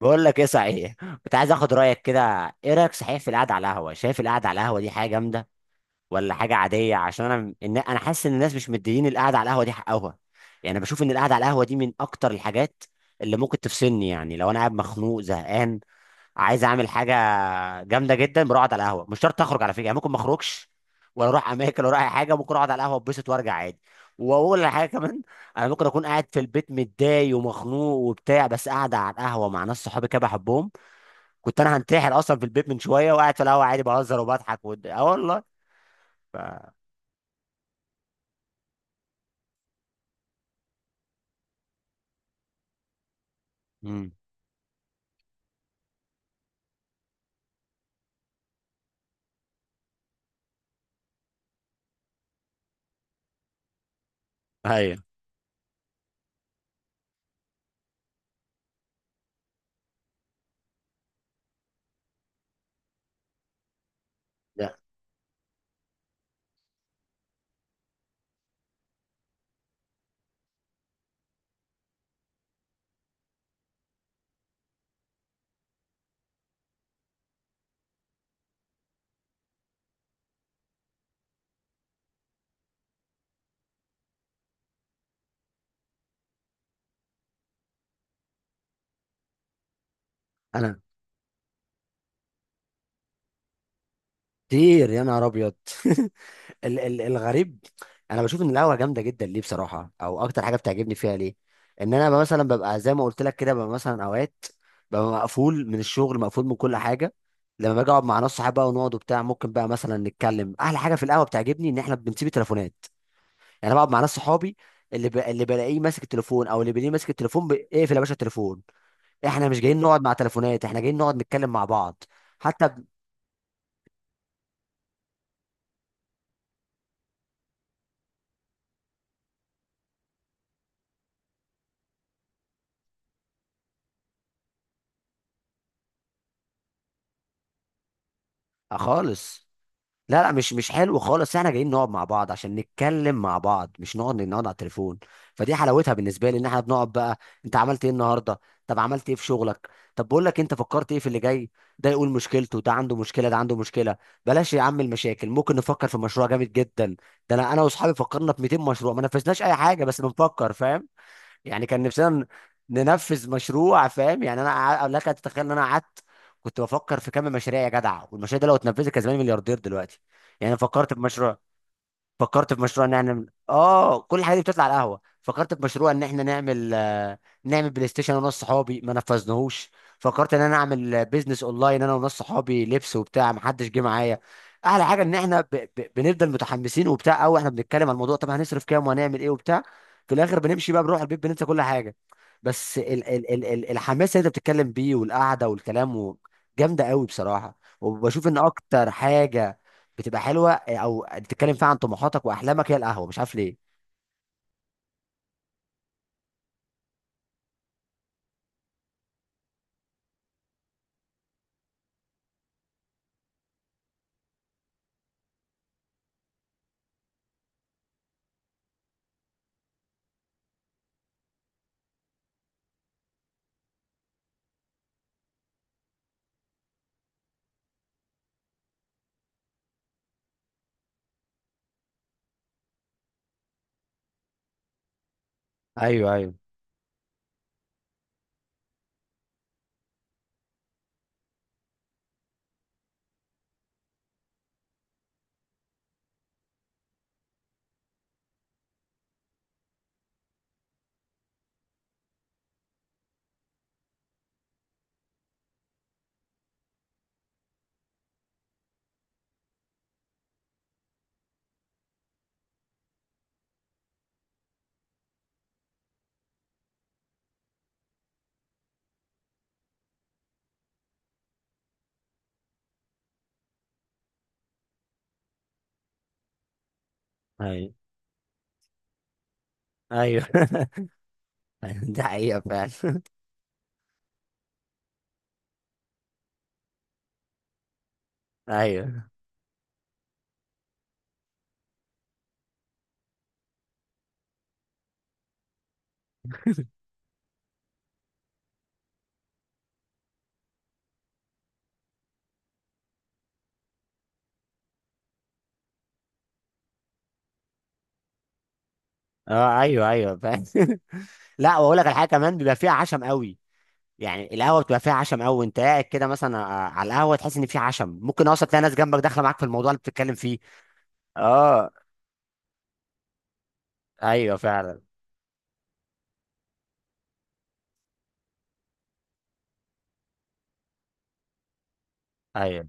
بقول لك ايه صحيح. كنت عايز اخد رايك كده. ايه رايك صحيح في القعده على القهوه؟ شايف القعده على القهوه دي حاجه جامده ولا حاجه عاديه؟ عشان انا انا حاسس ان الناس مش مديين القعده على القهوه دي حقها. يعني أنا بشوف ان القعده على القهوه دي من اكتر الحاجات اللي ممكن تفصلني. يعني لو انا قاعد مخنوق زهقان عايز اعمل حاجه جامده جدا، بروح اقعد على القهوه. مش شرط اخرج على فكره، يعني ممكن ما اخرجش ولا اروح اماكن ولا اي حاجه، ممكن اقعد على القهوه اتبسط وارجع عادي. واقول على حاجه كمان، انا ممكن اكون قاعد في البيت متضايق ومخنوق وبتاع، بس قاعد على القهوه مع ناس صحابي كده بحبهم. كنت انا هنتحر اصلا في البيت من شويه، وقاعد في القهوه عادي بهزر وبضحك اه والله. ف، امم، ايوه، لا، انا كتير يا نهار ابيض. الغريب، انا بشوف ان القهوه جامده جدا ليه بصراحه. او اكتر حاجه بتعجبني فيها ليه ان انا بقى مثلا ببقى زي ما قلت لك كده، ببقى مثلا اوقات مقفول من الشغل مقفول من كل حاجه. لما باجي اقعد مع ناس صحابي بقى ونقعد وبتاع، ممكن بقى مثلا نتكلم. احلى حاجه في القهوه بتعجبني ان احنا بنسيب التليفونات. يعني انا بقعد مع ناس صحابي، اللي بلاقيه ماسك التليفون، او اللي بلاقيه ماسك التليفون اقفل يا باشا التليفون، احنا مش جايين نقعد مع تليفونات، احنا جايين نقعد نتكلم مع بعض. حتى آه خالص. لا لا، مش حلو خالص، احنا جايين نقعد مع بعض عشان نتكلم مع بعض، مش نقعد على التليفون. فدي حلاوتها بالنسبه لي، ان احنا بنقعد بقى: انت عملت ايه النهارده؟ طب عملت ايه في شغلك؟ طب بقول لك، انت فكرت ايه في اللي جاي؟ ده يقول مشكلته، ده عنده مشكله، ده عنده مشكله. بلاش يا عم المشاكل، ممكن نفكر في مشروع جامد جدا. ده انا واصحابي فكرنا في 200 مشروع ما نفذناش اي حاجه، بس بنفكر فاهم؟ يعني كان نفسنا ننفذ مشروع، فاهم يعني انا لك ان تتخيل ان انا قعدت كنت بفكر في كم مشاريع يا جدع. والمشاريع دي لو اتنفذت كان زماني ملياردير دلوقتي. يعني أنا فكرت بمشروع، فكرت في مشروع نعمل اه كل الحاجات دي بتطلع على القهوه. فكرت في مشروع ان احنا نعمل، نعمل بلاي ستيشن انا وناس صحابي ما نفذناهوش. فكرت ان انا اعمل بيزنس اونلاين انا وناس صحابي لبس وبتاع، ما حدش جه معايا. احلى حاجه ان احنا بنفضل متحمسين وبتاع، او احنا بنتكلم على الموضوع طب هنصرف كام وهنعمل ايه وبتاع. في الاخر بنمشي بقى بنروح البيت بننسى كل حاجه. بس الحماس اللي انت بتتكلم بيه والقعده والكلام جامده قوي بصراحه. وبشوف ان اكتر حاجه بتبقى حلوه، او بتتكلم فيها عن طموحاتك واحلامك، هي القهوه، مش عارف ليه. ايوه، ايوه، ايوه، ايوه. دي حقيقه فعلا. ايوه، اه، ايوه، ايوه فاهم. لا، واقول لك على حاجه كمان، بيبقى فيها عشم قوي. يعني القهوه بتبقى فيها عشم قوي، وانت قاعد كده مثلا على القهوه تحس ان في عشم، ممكن اصلا تلاقي ناس جنبك داخله معاك في الموضوع اللي بتتكلم فيه. اه، ايوه فعلا. ايوه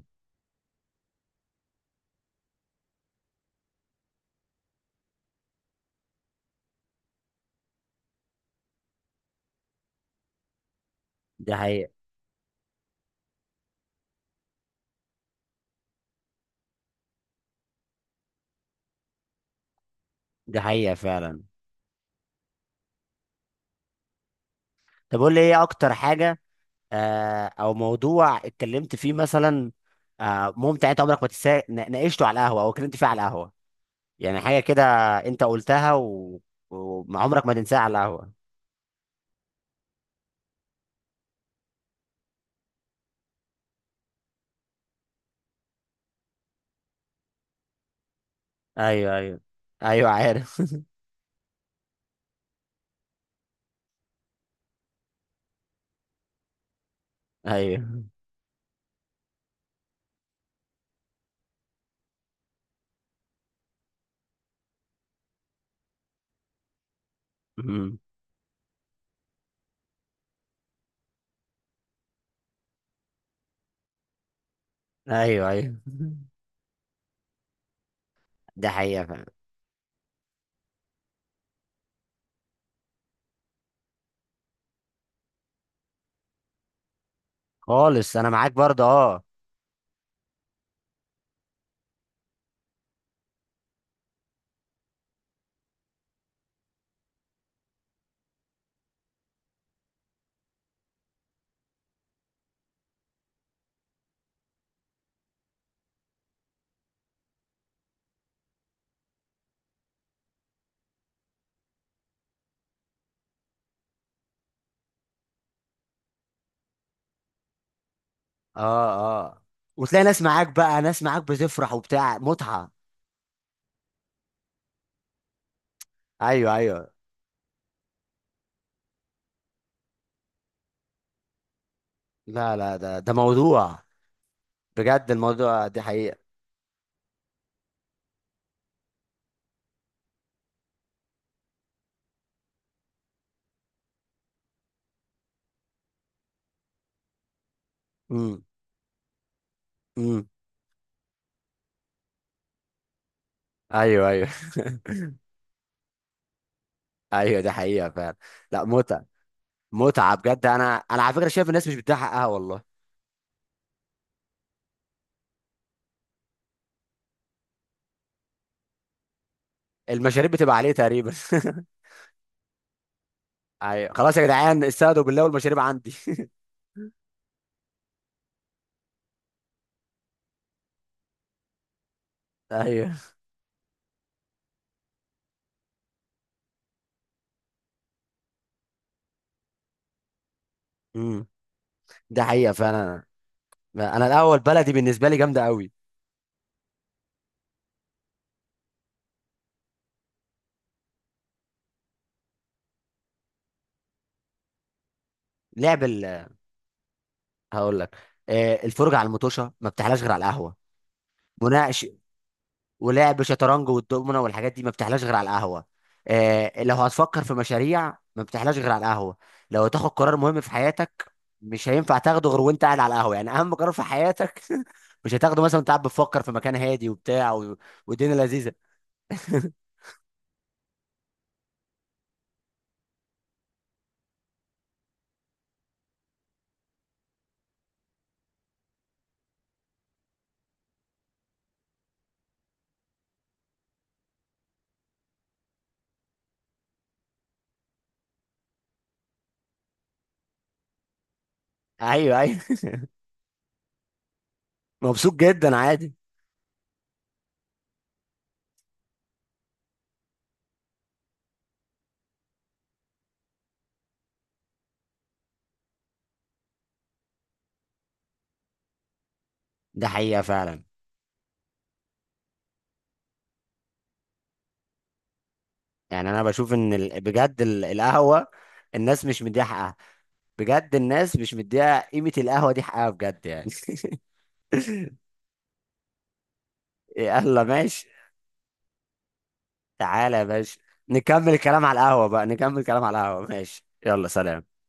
دي حقيقة. دي حقيقة فعلا. طب قول لي ايه اكتر حاجه، او موضوع اتكلمت فيه مثلا، ممتع، انت عمرك ما تنساه ناقشته على القهوه او اتكلمت فيه على القهوه. يعني حاجه كده انت قلتها وعمرك ما تنساها على القهوه. ايوه، ايوه، ايوه عارف. ايوه. مم. ايوه، ايوه، ده حقيقه فعلا. خالص انا معاك برضه اه. اه، اه، وتلاقي ناس معاك بقى، ناس معاك بتفرح وبتاع، متعه. ايوه، ايوه. لا لا، ده ده موضوع، بجد الموضوع دي حقيقه. امم. امم. ايوه، ايوه. ايوه، دي حقيقه فعلا. لا متعه، متعه بجد. انا على فكره شايف الناس مش بتديها حقها والله. المشاريب بتبقى عليه تقريبا. ايوه، خلاص يا جدعان استهدوا بالله والمشاريب عندي. ايوه. امم. ده حقيقه فعلا. أنا الاول بلدي بالنسبه لي جامده قوي. لعب هقول لك، الفرجه على المطوشه ما بتحلاش غير على القهوه. مناقش ولعب شطرنج والدومنه والحاجات دي ما بتحلاش غير على القهوه. آه لو هتفكر في مشاريع ما بتحلاش غير على القهوه. لو هتاخد قرار مهم في حياتك مش هينفع تاخده غير وانت قاعد على القهوه، يعني اهم قرار في حياتك. مش هتاخده مثلا وانت قاعد بتفكر في مكان هادي وبتاع والدنيا لذيذه. ايوه، ايوه، مبسوط جدا عادي. ده حقيقه فعلا. يعني انا بشوف ان بجد القهوه الناس مش مديها حقها، بجد الناس مش مديها قيمه، القهوه دي حقها بجد يعني. يلا ماشي، تعالى يا باشا نكمل الكلام على القهوة بقى، نكمل الكلام على القهوة، ماشي، يلا سلام.